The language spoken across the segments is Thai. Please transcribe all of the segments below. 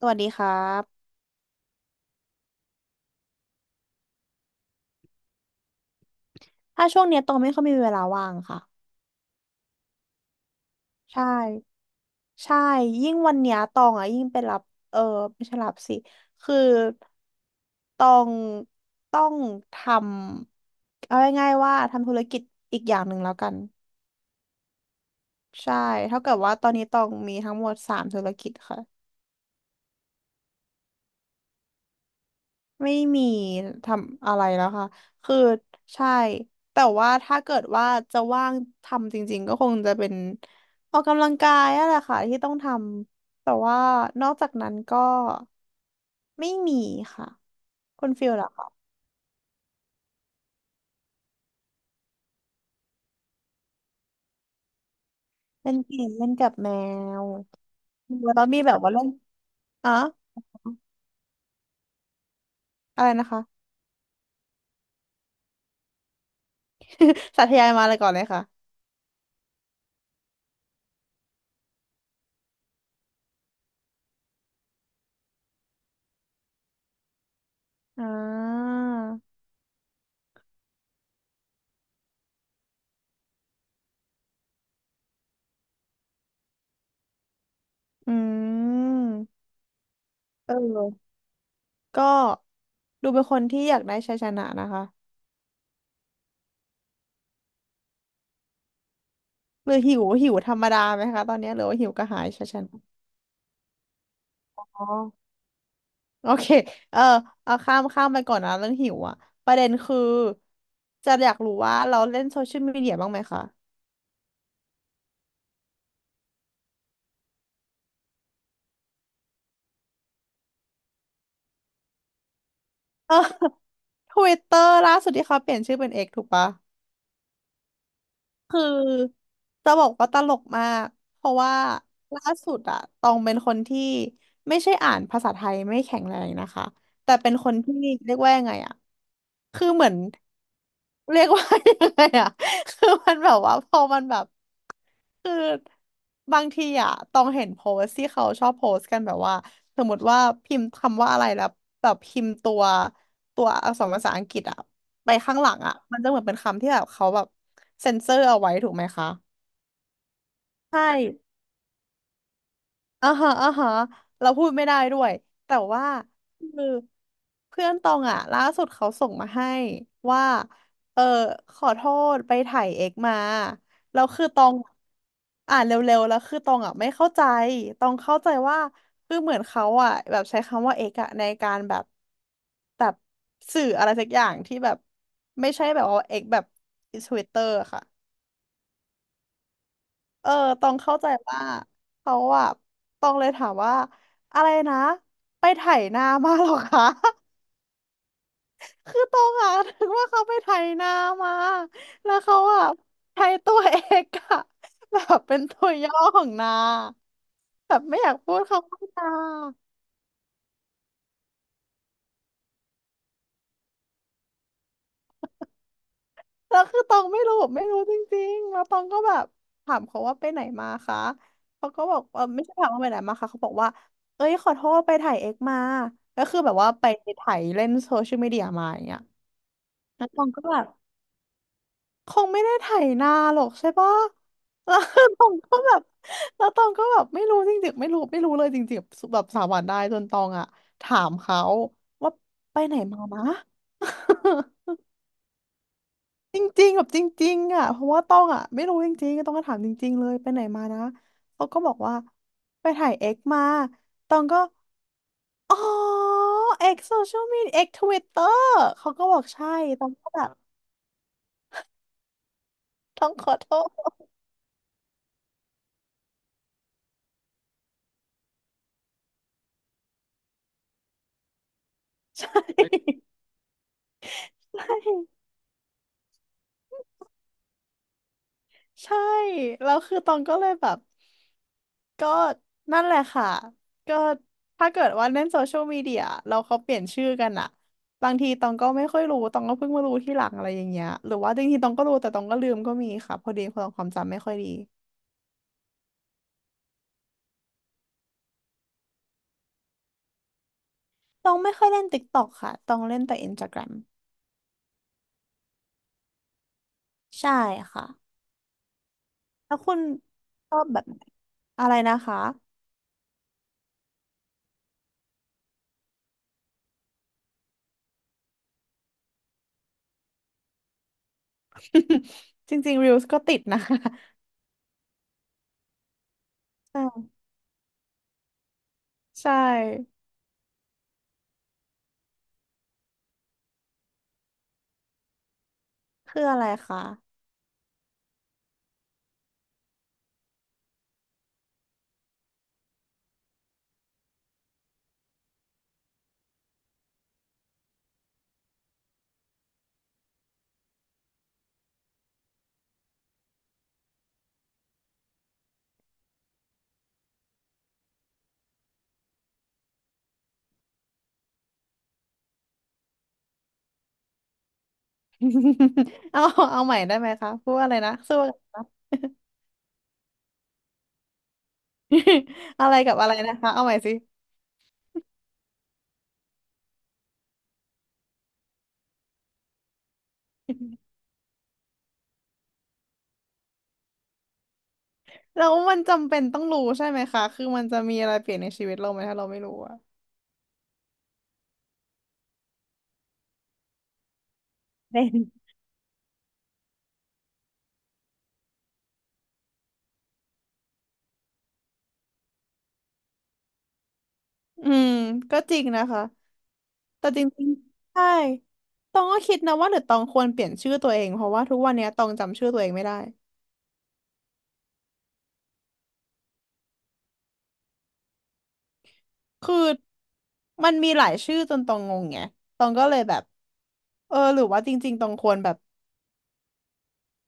สวัสดีครับ ถ้าช่วงเนี้ยตองไม่ค่อยมีเวลาว่างค่ะ ใช่ ใช่ ยิ่งวันเนี้ยตองอ่ะยิ่งไปรับ เออไม่ใช่รับสิ คือตองต้องทำ เอาง่ายๆว่าทำธุรกิจอีกอย่างหนึ่งแล้วกัน ใช่ เท่ากับว่าตอนนี้ตองมีทั้งหมดสามธุรกิจค่ะ ไม่มีทำอะไรแล้วค่ะคือใช่แต่ว่าถ้าเกิดว่าจะว่างทำจริงๆก็คงจะเป็นออกกำลังกายนั่นแหละค่ะที่ต้องทำแต่ว่านอกจากนั้นก็ไม่มีค่ะคุณฟิลล่ะค่ะเล่นเกมเล่นกับแมวแล้วมีแบบว่าเล่นอ๋ออะไรนะคะ สาธยายมาเลยก่อนเลยค่ะอ่าอืมเออก็ดูเป็นคนที่อยากได้ชัยชนะนะคะ หรือหิวหิวธรรมดาไหมคะตอนนี้หรือว่าหิวกระหายชันๆอ๋อโอเคเออเอาข้ามข้ามไปก่อนนะเรื่องหิวอ่ะประเด็นคือจะอยากรู้ว่าเราเล่นโซเชียลมีเดียบ้างไหมคะเออทวิตเตอร์ ล่าสุดที่เขาเปลี่ยนชื่อเป็นเอกถูกปะคือจะบอกว่าตลกมากเพราะว่าล่าสุดอะตองเป็นคนที่ไม่ใช่อ่านภาษาไทยไม่แข็งแรงนะคะแต่เป็นคนที่เรียกว่ายังไงอะคือเหมือน เรียกว่ายังไงอ่ะ คือมันแบบว่าพอมันแบบคือบางทีอ่ะต้องเห็นโพสต์ที่เขาชอบโพสต์กันแบบว่าสมมติว่าพิมพ์คำว่าอะไรแล้วแบบพิมพ์ตัวอักษรภาษาอังกฤษอ่ะไปข้างหลังอ่ะมันจะเหมือนเป็นคำที่แบบเขาแบบเซ็นเซอร์เอาไว้ถูกไหมคะใช่ อ่าฮะอ่าฮะเราพูดไม่ได้ด้วยแต่ว่าคือเพื่อนตองอ่ะล่าสุดเขาส่งมาให้ว่าเออขอโทษไปถ่ายเอกมาแล้วคือตองอ่านเร็วๆแล้วคือตองอ่ะไม่เข้าใจตองเข้าใจว่าคือเหมือนเขาอ่ะแบบใช้คำว่าเอกอะในการแบบแบบสื่ออะไรสักอย่างที่แบบไม่ใช่แบบว่าเอกแบบทวิตเตอร์ค่ะ เออตองเข้าใจว่าเขาอะตองเลยถามว่าอะไรนะไปไถนามาเหรอคะ คือตองอะถึงว่าเขาไปไถนามา แล้วเขาอะใช้ตัวเอกอะ แบบเป็นตัวย่อของนาแบบไม่อยากพูดคำว่านา แล้วคือตองไม่รู้ไม่รู้จริงๆ แล้วตองก็แบบถามเขาว่าไปไหนมาคะเขาก็บอกไม่ใช่ถามว่าไปไหนมาคะเขาบอกว่าเอ้ยขอโทษไปถ่ายเอ็กมาก็คือแบบว่าไปถ่ายเล่นโซเชียลมีเดียมาอย่างเงี้ยแล้วตองก็แบบคงไม่ได้ถ่ายนานหรอกใช่ปะแล้วตองก็แบบแล้วตองก็แบบไม่รู้จริงๆไม่รู้ไม่รู้เลยจริงๆแบบสามวันได้จนตองอะถามเขาว่าไปไหนมานะ จริงๆแบบจริงๆอ่ะเพราะว่าต้องอ่ะไม่รู้จริงๆต้องก็ถามจริงๆ เลยไปไหนมานะ เขาก็บอกว่าไปถ่ายเอ็กมาตองก็อ๋อเอ็กโซเชียลมีเอ็กทวิตเตอร์เขาก็บอกใช่ตองก็แบบต้องขอโทษ ใช่ ใช่ ใช่แล้วคือตองก็เลยแบบก็นั่นแหละค่ะก็ถ้าเกิดว่าเล่นโซเชียลมีเดียเราเขาเปลี่ยนชื่อกันอะบางทีตองก็ไม่ค่อยรู้ตองก็เพิ่งมารู้ที่หลังอะไรอย่างเงี้ยหรือว่าจริงๆตองก็รู้แต่ตองก็ลืมก็มีค่ะพอดีพอตองความจำไม่ค่อยดีตองไม่ค่อยเล่นติ๊กต็อกค่ะตองเล่นแต่อินสตาแกรมใช่ค่ะแล้วคุณชอบแบบไหนอะไรนะคะ จริงๆ Reels ก็ติดนะคะ ใช่ใช่คืออะไรคะ เอาเอาใหม่ได้ไหมคะพูดอะไรนะสู้ อะไรกับอะไรนะคะเอาใหม่สิ แล้วมันจำเป็นต้องรู้ใช่ไหมคะคือมันจะมีอะไรเปลี่ยนในชีวิตเราไหมถ้าเราไม่รู้อะเป็นอืมก็จริงนะคะแต่จริงๆใช่ตองก็คิดนะว่าหรือตองควรเปลี่ยนชื่อตัวเองเพราะว่าทุกวันเนี้ยตองจำชื่อตัวเองไม่ได้คือมันมีหลายชื่อจนตองงงไงตองก็เลยแบบหรือว่าจริงๆตองควรแบบ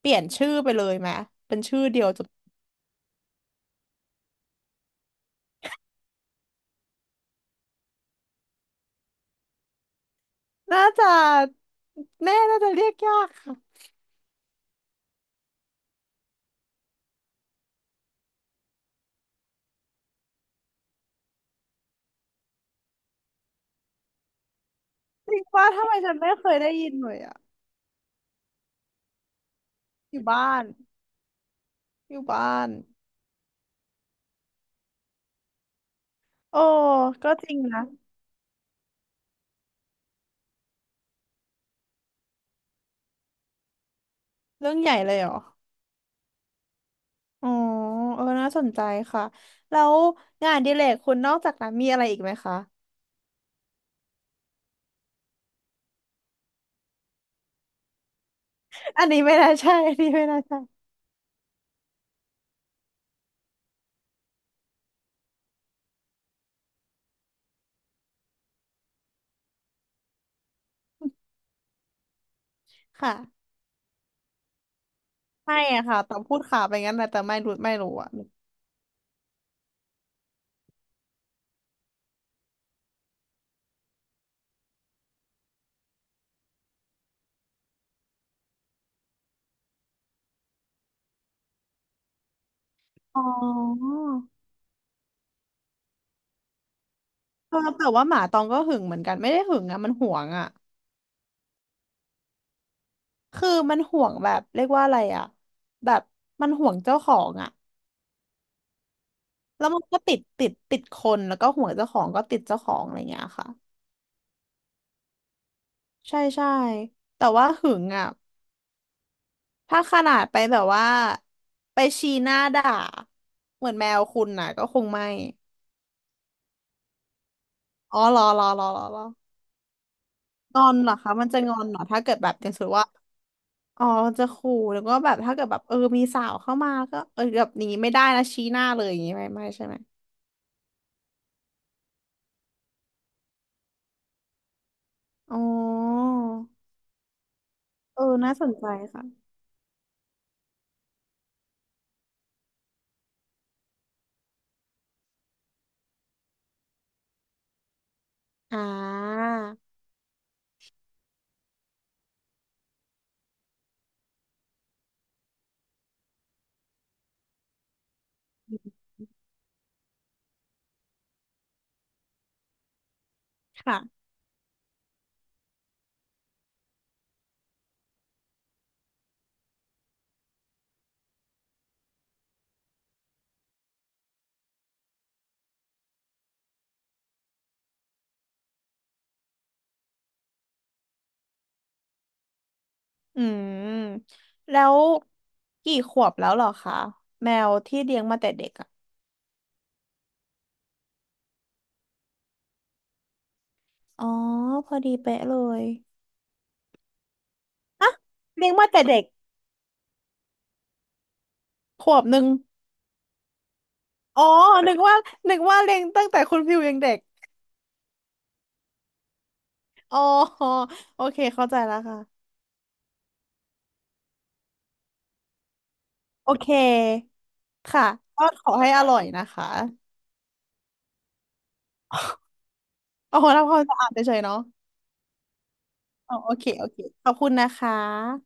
เปลี่ยนชื่อไปเลยไหมเป็นชื่อเดียว น่าจะแม่น่าจะเรียกยากค่ะจริงว่าทำไมฉันไม่เคยได้ยินเลยอ่ะอยู่บ้านอยู่บ้านโอ้ก็จริงนะเรื่องใหญ่เลยเหรออ๋อน่าสนใจค่ะแล้วงานอดิเรกคุณนอกจากนั้นมีอะไรอีกไหมคะ อันนี้ไม่น่าใช่อันนี้ไม่น่าใช่ค่ะไม่อะค่ะตองพูดข่าวไปงั้นแหละแต่ไม่รู้ไม่รู้อะอ๋อแต่ว่าหมาตองก็หึงเหมือนกันไม่ได้หึงอะมันหวงอะ คือมันห่วงแบบเรียกว่าอะไรอ่ะแบบมันห่วงเจ้าของอ่ะแล้วมันก็ติดติดติดคนแล้วก็ห่วงเจ้าของก็ติดเจ้าของอะไรเงี้ยค่ะใช่ใช่แต่ว่าหึงอ่ะถ้าขนาดไปแบบว่าไปชี้หน้าด่าเหมือนแมวคุณน่ะก็คงไม่อ๋อรอรอรอรอรองอนเหรอคะมันจะงอนเหรอถ้าเกิดแบบอย่างสมมติว่าอ๋อจะขู่แล้วก็แบบถ้าเกิดแบบมีสาวเข้ามาก็แบบนี้ไม่ได้นะชี้หน้าเลยอย่างงี้ไม่ไม่ใช่ไหมอ๋อ น่าสนใจค่ะอ่าค่ะอืมแล้วกี่ขวบแล้วเหรอคะแมวที่เลี้ยงมาแต่เด็กอ่ะอ๋อพอดีเป๊ะเลยเลี้ยงมาแต่เด็กขวบหนึ่งอ๋อนึกว่านึกว่าเลี้ยงตั้งแต่คุณพิวยังเด็กอ๋อโอเคเข้าใจแล้วค่ะโอเคค่ะก็ขอให้อร่อยนะคะโอ้โหทำความสะอาดเฉยๆเนาะอ๋อโอเคโอเคขอบคุณนะคะ